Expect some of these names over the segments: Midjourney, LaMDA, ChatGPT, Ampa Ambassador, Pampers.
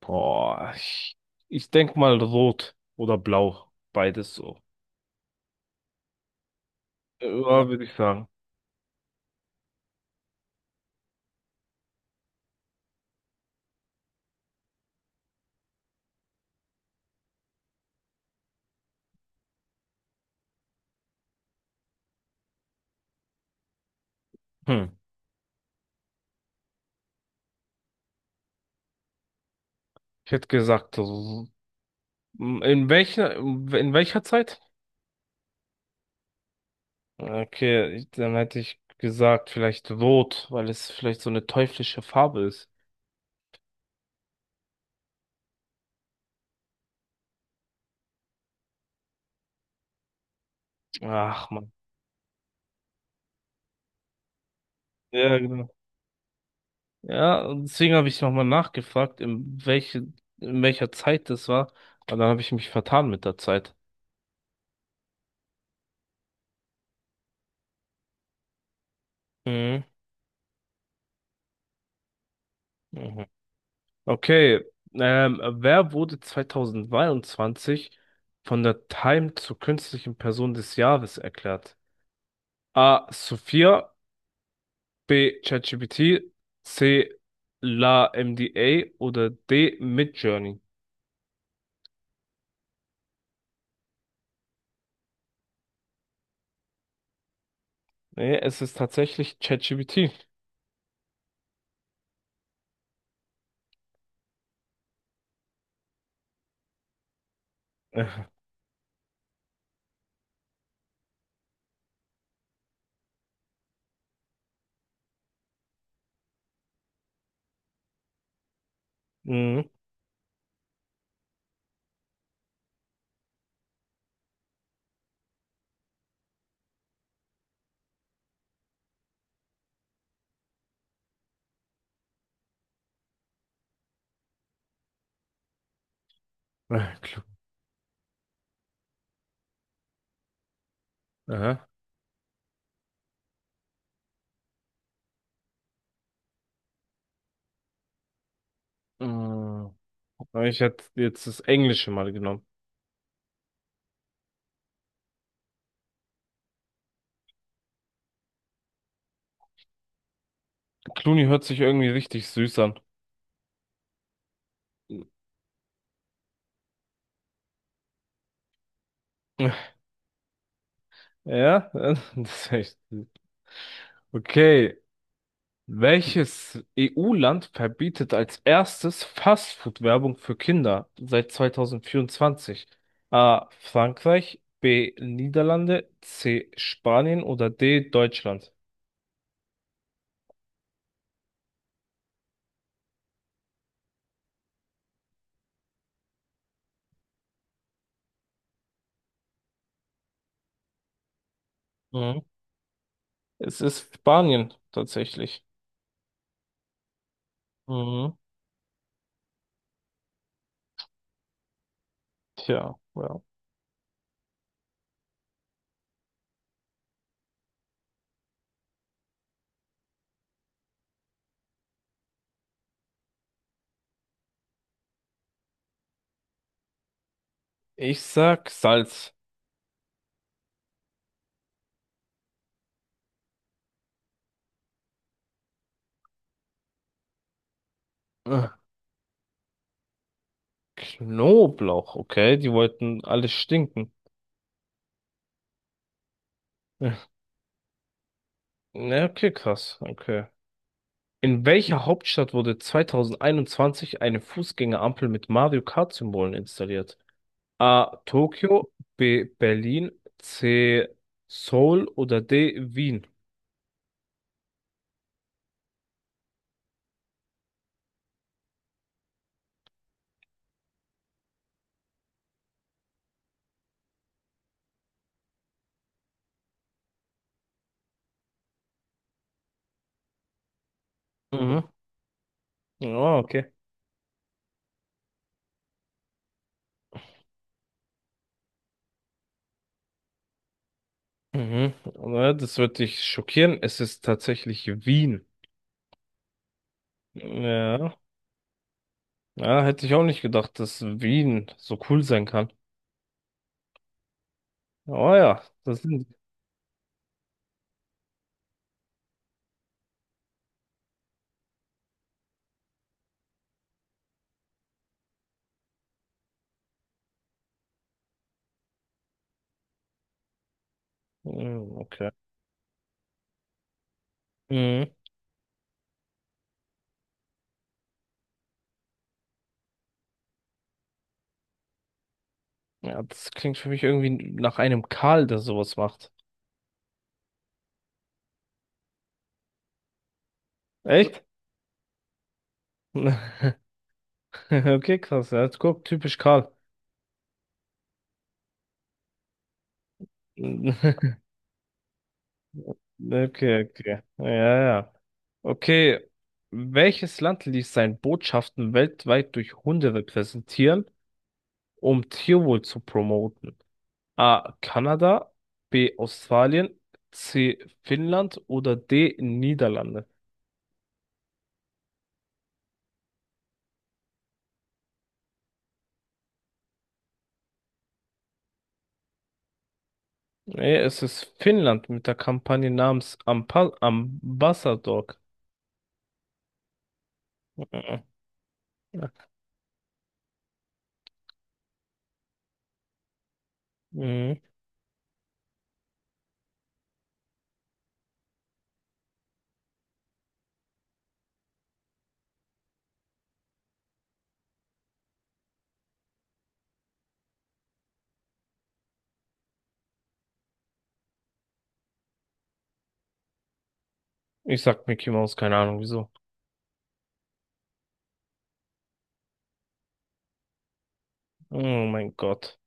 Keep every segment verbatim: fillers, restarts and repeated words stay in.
Boah, ich, ich denk mal rot oder blau. Beides so. Ja, würde ich sagen. Hm. Ich hätte gesagt, so- so, in welcher, in welcher Zeit? Okay, ich- dann hätte ich gesagt, vielleicht rot, weil es vielleicht so eine teuflische Farbe ist. Ach man. Ja, genau. Ja, und deswegen habe ich nochmal nachgefragt, in welche, in welcher Zeit das war. Und dann habe ich mich vertan mit der Zeit. Mhm. Mhm. Okay, ähm, wer wurde zwanzig zweiundzwanzig von der Time zur künstlichen Person des Jahres erklärt? A. Sophia, B. ChatGPT, C. LaMDA oder D. Midjourney? Nee, es ist tatsächlich ChatGPT. Äh, Mhm. Äh, Cl- Aha. Mhm. Ich hätte jetzt das Englische mal genommen. Clooney hört sich irgendwie richtig süß an. Ja, das ist echt süß. Okay. Welches E U-Land verbietet als erstes Fastfood-Werbung für Kinder seit zwanzig vierundzwanzig? A. Frankreich, B. Niederlande, C. Spanien oder D. Deutschland? Mhm. Es ist Spanien tatsächlich. Mhm. Tja, ja. Ich sag Salz. Äh, Knoblauch, okay, die wollten alles stinken. Ja, okay, krass, okay. In welcher Hauptstadt wurde zwanzig einundzwanzig eine Fußgängerampel mit Mario Kart-Symbolen installiert? A. Tokio, B. Berlin, C. Seoul oder D. Wien? Mhm. Ah, okay. Mhm. Na, das wird dich schockieren. Es ist tatsächlich Wien. Ja. Ja, hätte ich auch nicht gedacht, dass Wien so cool sein kann. Oh ja, das sind. Mhm. Okay. Mhm. Ja, das klingt für mich irgendwie nach einem Karl, der sowas macht. Echt? Okay, krass. Ja, guck, typisch Karl. Okay, okay. Ja, ja. Okay. Welches Land ließ seine Botschaften weltweit durch Hunde repräsentieren, um Tierwohl zu promoten? A. Kanada, B. Australien, C. Finnland oder D. Niederlande? Nee, es ist Finnland mit der Kampagne namens Ampa Ambassador. Mhm. Ich sag Mickey Mouse, keine Ahnung wieso. Oh mein Gott.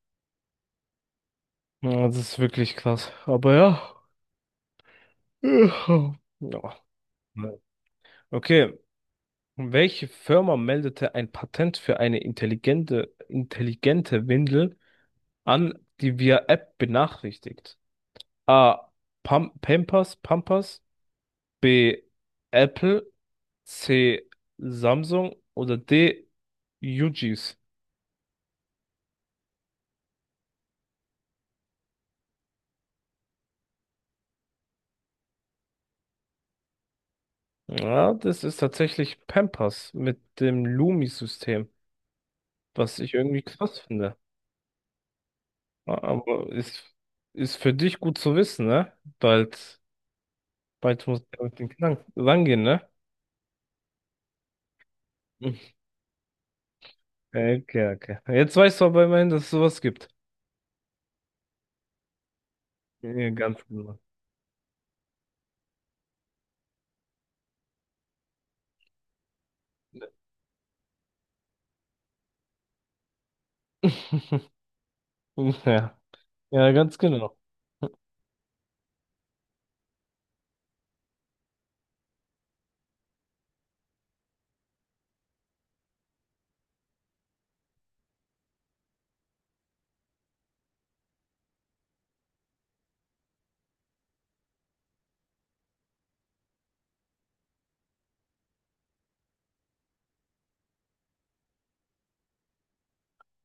Ja, das ist wirklich krass. Aber ja. Ja. Okay. Welche Firma meldete ein Patent für eine intelligente, intelligente Windel an, die via App benachrichtigt? A. Pam Pampers, Pampers. B. Apple. C. Samsung. Oder D. U G s. Ja, das ist tatsächlich Pampers mit dem Lumi-System, was ich irgendwie krass finde. Aber ist, ist für dich gut zu wissen, ne? Bald, bald muss ich mit den Kindern rangehen, ne? Mhm. Okay, okay. Jetzt weißt du aber immerhin, dass es sowas gibt. Ja, ganz genau. Ja, ja, ganz genau.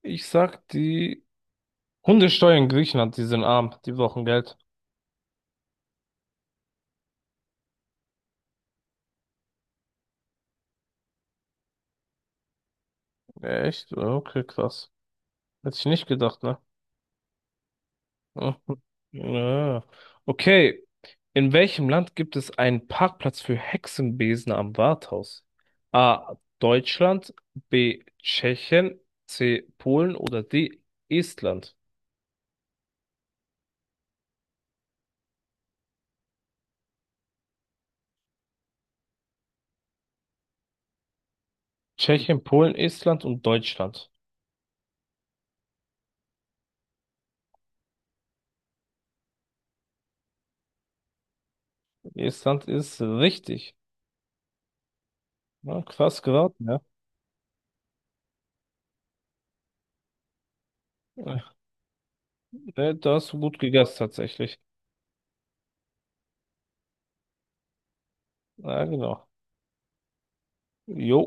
Ich sag, die Hundesteuer in Griechenland, die sind arm, die brauchen Geld. Echt? Okay, krass. Hätte ich nicht gedacht, ne? Ah, ah. Okay. In welchem Land gibt es einen Parkplatz für Hexenbesen am Rathaus? A. Deutschland, B. Tschechien, C. Polen oder D. Estland? Tschechien, Polen, Estland und Deutschland. Estland ist richtig. Na, krass geraten, ja. Ne, da hast du gut gegessen tatsächlich. Ja, genau. Jo.